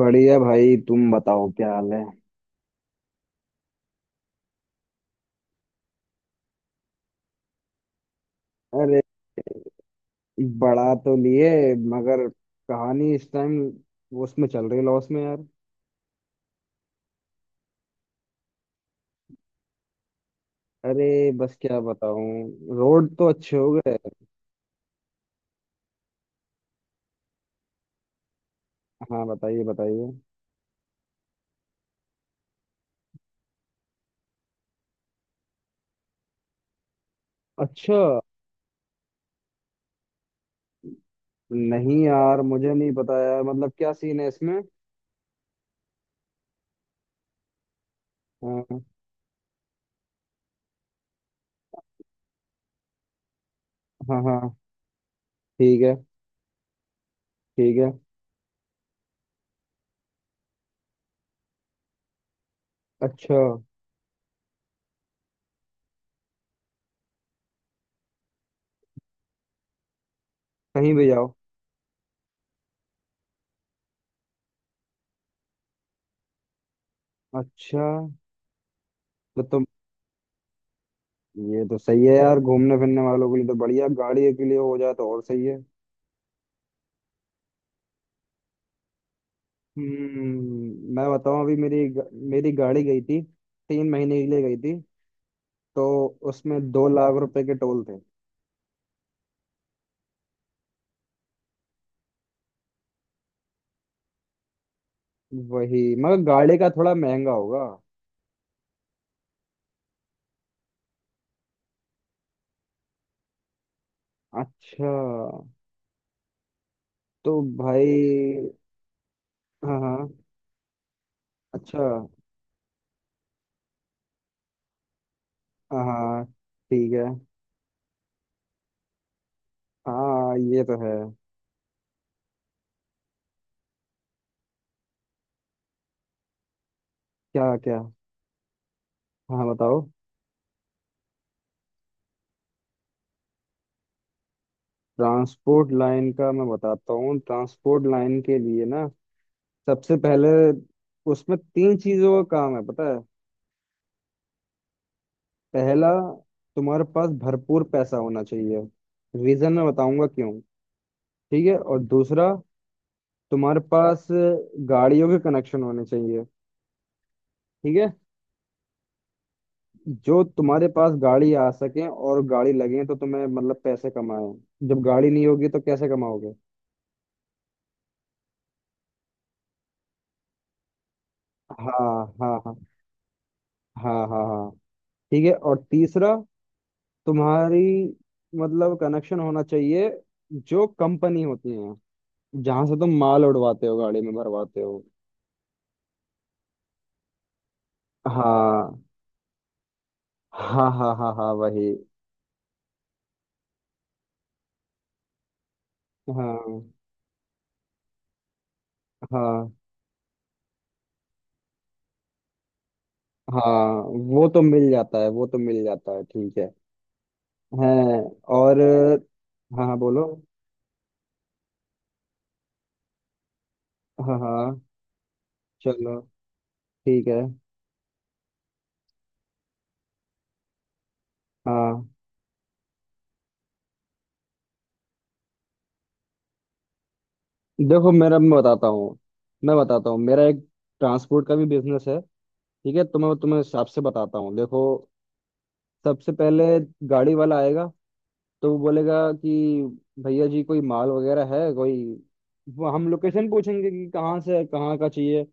बढ़िया भाई, तुम बताओ क्या हाल है। अरे, बड़ा तो लिए मगर कहानी इस टाइम उसमें चल रही लॉस में, यार। अरे, बस क्या बताऊं, रोड तो अच्छे हो गए। हाँ, बताइए बताइए। अच्छा। नहीं यार, मुझे नहीं पता यार, मतलब क्या सीन है इसमें। हाँ हाँ हाँ। ठीक है। ठीक है। अच्छा। कहीं भी जाओ। अच्छा। तो तुम, ये तो सही है यार, घूमने फिरने वालों के लिए तो बढ़िया, गाड़ी के लिए हो जाए तो और सही है। हम्म, मैं बताऊं, अभी मेरी गाड़ी गई थी, 3 महीने के लिए गई थी। तो उसमें 2 लाख रुपए के टोल थे। वही, मगर गाड़ी का थोड़ा महंगा होगा। अच्छा। तो भाई। हाँ हाँ। अच्छा। हाँ हाँ, ठीक है। हाँ, ये तो है। क्या क्या। हाँ बताओ। ट्रांसपोर्ट लाइन का मैं बताता हूँ। ट्रांसपोर्ट लाइन के लिए ना, सबसे पहले उसमें 3 चीजों का काम है, पता है। पहला, तुम्हारे पास भरपूर पैसा होना चाहिए। रीजन मैं बताऊंगा क्यों। ठीक है, और दूसरा, तुम्हारे पास गाड़ियों के कनेक्शन होने चाहिए। ठीक है। जो तुम्हारे पास गाड़ी आ सके और गाड़ी लगे तो तुम्हें मतलब पैसे कमाए। जब गाड़ी नहीं होगी तो कैसे कमाओगे। हाँ हाँ हाँ। हाँ हाँ हाँ। ठीक है, और तीसरा, तुम्हारी मतलब कनेक्शन होना चाहिए, जो कंपनी होती है, जहां से तुम माल उड़वाते हो, गाड़ी में भरवाते हो। हाँ हाँ हाँ हाँ हाँ, वही। हाँ हाँ हाँ। वो तो मिल जाता है, वो तो मिल जाता है, ठीक है। हैं। और। हाँ हाँ, बोलो। हाँ हाँ। चलो। ठीक है। हाँ। देखो, मेरा, मैं बताता हूँ, मेरा एक ट्रांसपोर्ट का भी बिजनेस है। ठीक है, तो मैं तुम्हें हिसाब से बताता हूँ, देखो। सबसे पहले गाड़ी वाला आएगा, तो वो बोलेगा कि भैया जी कोई माल वगैरह है कोई। वो हम लोकेशन पूछेंगे कि कहाँ से है, कहाँ का चाहिए।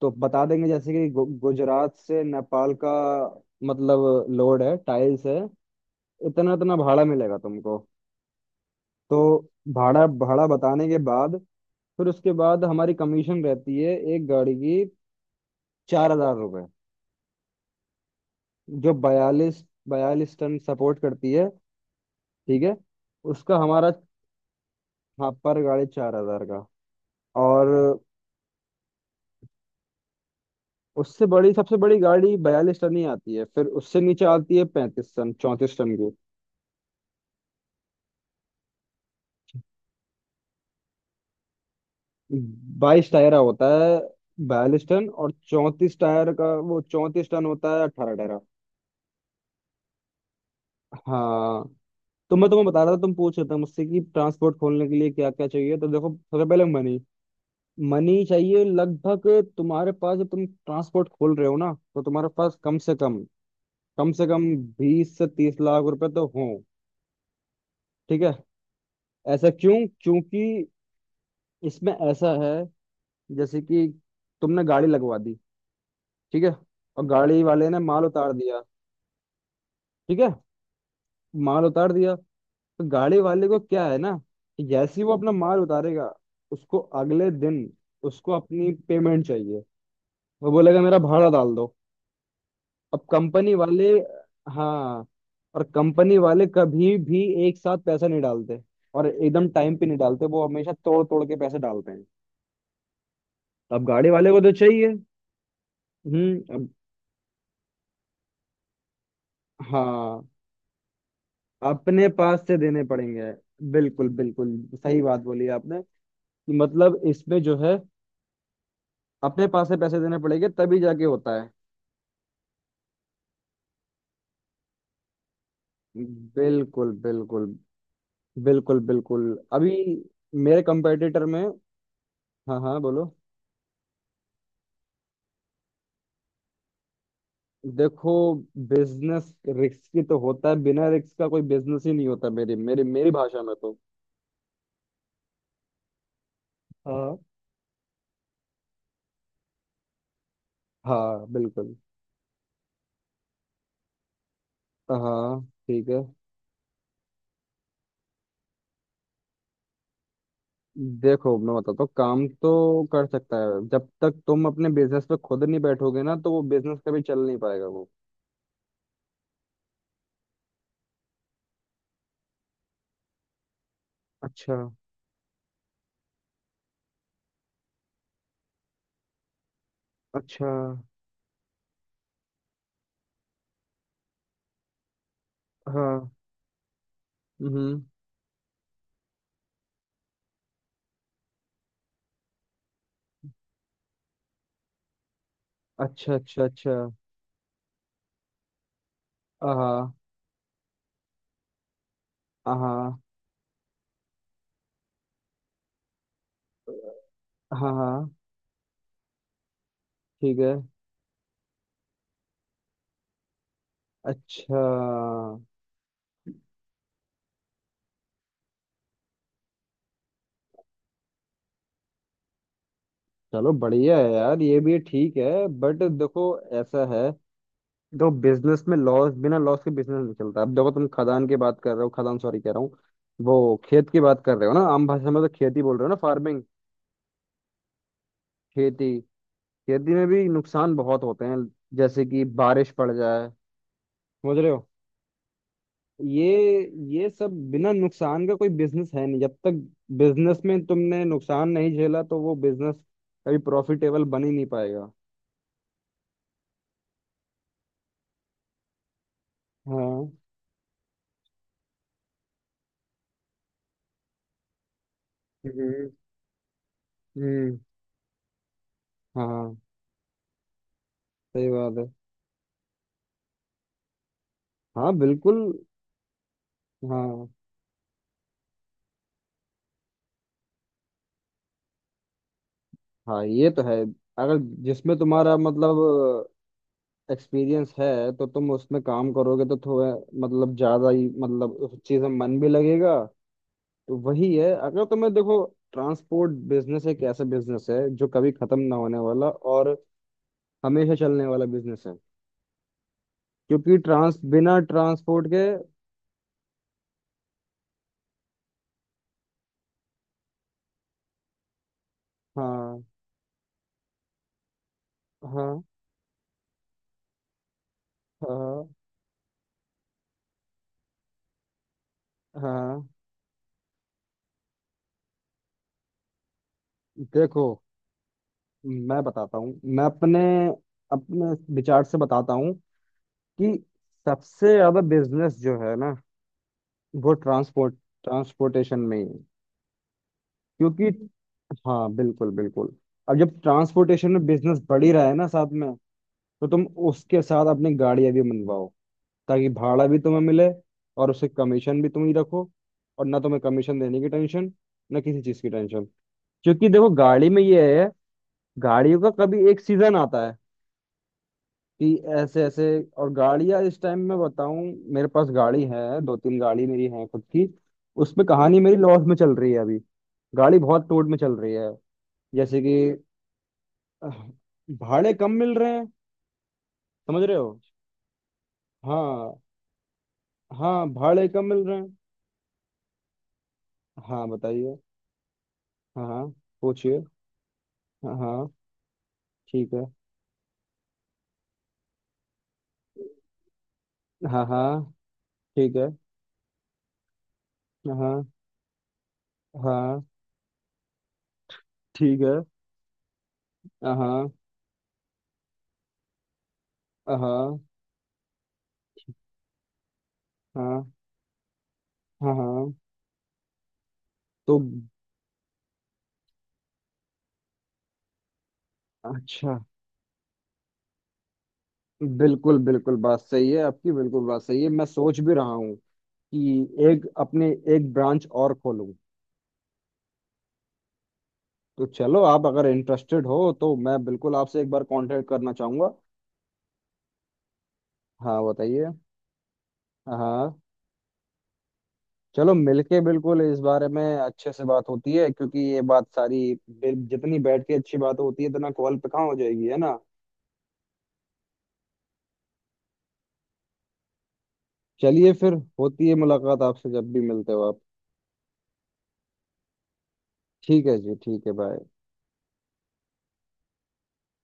तो बता देंगे जैसे कि गुजरात से नेपाल का। मतलब लोड है, टाइल्स है, इतना इतना भाड़ा मिलेगा तुमको। तो भाड़ा भाड़ा बताने के बाद, फिर उसके बाद हमारी कमीशन रहती है एक गाड़ी की, 4,000 रुपये। जो बयालीस बयालीस टन सपोर्ट करती है। ठीक है, उसका हमारा। हाँ, पर गाड़ी 4,000 का। और उससे बड़ी, सबसे बड़ी गाड़ी 42 टन ही आती है, फिर उससे नीचे आती है 35 टन, 34 टन की। 22 टायरा होता है 42 टन, और 34 टायर का वो 34 टन होता है, 18 टायरा। हाँ, तो मैं तुम्हें बता रहा था, तुम पूछ रहे थे मुझसे कि ट्रांसपोर्ट खोलने के लिए क्या क्या चाहिए, तो देखो सबसे पहले मनी। मनी चाहिए लगभग तुम्हारे पास। जब तुम ट्रांसपोर्ट खोल रहे हो ना, तो तुम्हारे पास कम से कम, कम से कम 20 से 30 लाख रुपए तो हो। ठीक है। ऐसा क्यों? क्योंकि इसमें ऐसा है, जैसे कि तुमने गाड़ी लगवा दी। ठीक है, और गाड़ी वाले ने माल उतार दिया। ठीक है, माल उतार दिया, तो गाड़ी वाले को क्या है ना, कि जैसे ही वो अपना माल उतारेगा, उसको अगले दिन, उसको अपनी पेमेंट चाहिए। वो बोलेगा मेरा भाड़ा डाल दो। अब कंपनी वाले। हाँ, और कंपनी वाले कभी भी एक साथ पैसा नहीं डालते, और एकदम टाइम पे नहीं डालते, वो हमेशा तोड़ तोड़ के पैसे डालते हैं। अब गाड़ी वाले को तो चाहिए। अब। हाँ, अपने पास से देने पड़ेंगे। बिल्कुल, बिल्कुल सही बात बोली आपने, कि मतलब इसमें जो है, अपने पास से पैसे देने पड़ेंगे, तभी जाके होता है। बिल्कुल बिल्कुल। बिल्कुल बिल्कुल। अभी मेरे कंपेटिटर में। हाँ हाँ, बोलो। देखो, बिजनेस रिस्की तो होता है, बिना रिस्क का कोई बिजनेस ही नहीं होता मेरी मेरी मेरी भाषा में तो। हाँ हाँ, बिल्कुल। हाँ, ठीक है। देखो, मैं बताता हूँ, काम तो कर सकता है, जब तक तुम अपने बिजनेस पे खुद नहीं बैठोगे ना, तो वो बिजनेस कभी चल नहीं पाएगा वो। अच्छा। अच्छा। हाँ। हम्म। अच्छा। अच्छा। अच्छा। हाँ हाँ हाँ हाँ। ठीक है। अच्छा। चलो, बढ़िया है यार, ये भी ठीक है, बट देखो। ऐसा है, देखो, बिजनेस में लॉस, बिना लॉस के बिजनेस नहीं चलता। अब देखो, तुम खदान की बात कर रहे हो, खदान सॉरी कह रहा हूँ। वो खेत की बात कर रहे हो ना, आम भाषा में तो खेती बोल रहे हो ना, फार्मिंग। खेती। खेती में भी नुकसान बहुत होते हैं। जैसे कि बारिश पड़ जाए। समझ रहे हो। ये ये सब बिना नुकसान का कोई बिजनेस है नहीं, जब तक बिजनेस में तुमने नुकसान नहीं झेला, तो वो बिजनेस कभी प्रॉफिटेबल बन ही नहीं पाएगा। हाँ। हम्म हम्म। हाँ, सही बात है। हाँ, बिल्कुल। हाँ हाँ, ये तो है। अगर जिसमें तुम्हारा, मतलब, एक्सपीरियंस है, तो तुम उसमें काम करोगे तो थोड़ा, मतलब, ज्यादा ही, मतलब, उस चीज में मन भी लगेगा। तो वही है, अगर तुम्हें, देखो, ट्रांसपोर्ट बिजनेस एक ऐसा बिजनेस है जो कभी खत्म ना होने वाला, और हमेशा चलने वाला बिजनेस है, क्योंकि ट्रांस, बिना ट्रांसपोर्ट के। हाँ हाँ। हाँ हाँ। देखो, मैं बताता हूँ, मैं अपने, अपने विचार से बताता हूँ कि सबसे ज्यादा बिजनेस जो है ना, वो ट्रांसपोर्ट, ट्रांसपोर्टेशन में ही है, क्योंकि। हाँ बिल्कुल बिल्कुल। अब जब ट्रांसपोर्टेशन में बिजनेस बढ़ ही रहा है ना, साथ में तो तुम उसके साथ अपनी गाड़ियां भी मनवाओ, ताकि भाड़ा भी तुम्हें मिले, और उससे कमीशन भी तुम ही रखो, और ना तुम्हें कमीशन देने की टेंशन, ना किसी चीज की टेंशन। क्योंकि देखो, गाड़ी में ये है, गाड़ियों का कभी एक सीजन आता है, कि ऐसे ऐसे, और गाड़ियां इस टाइम, मैं बताऊं, मेरे पास गाड़ी है, 2-3 गाड़ी मेरी है खुद की। उसमें कहानी मेरी लॉस में चल रही है अभी। गाड़ी बहुत टोट में चल रही है। जैसे कि अह, भाड़े कम मिल रहे हैं। समझ रहे हो। हाँ हाँ, भाड़े कम मिल रहे हैं। हाँ बताइए। हाँ हाँ। पूछिए। हाँ हाँ। ठीक है। हाँ हाँ। ठीक है। हाँ हाँ हाँ, ठीक है। हाँ हाँ हाँ। हाँ हाँ। हाँ। हाँ, तो अच्छा, बिल्कुल बिल्कुल, बात सही है आपकी, बिल्कुल बात सही है, मैं सोच भी रहा हूँ कि एक अपने, एक ब्रांच और खोलूँ। तो चलो, आप अगर इंटरेस्टेड हो तो मैं बिल्कुल आपसे एक बार कांटेक्ट करना चाहूंगा। हाँ बताइए। हाँ हाँ, चलो, मिलके बिल्कुल इस बारे में अच्छे से बात होती है, क्योंकि ये बात सारी जितनी बैठ के अच्छी बात होती है, इतना कॉल पे कहाँ हो जाएगी, है ना। चलिए फिर, होती है मुलाकात आपसे जब भी मिलते हो आप। ठीक है जी। ठीक है, बाय।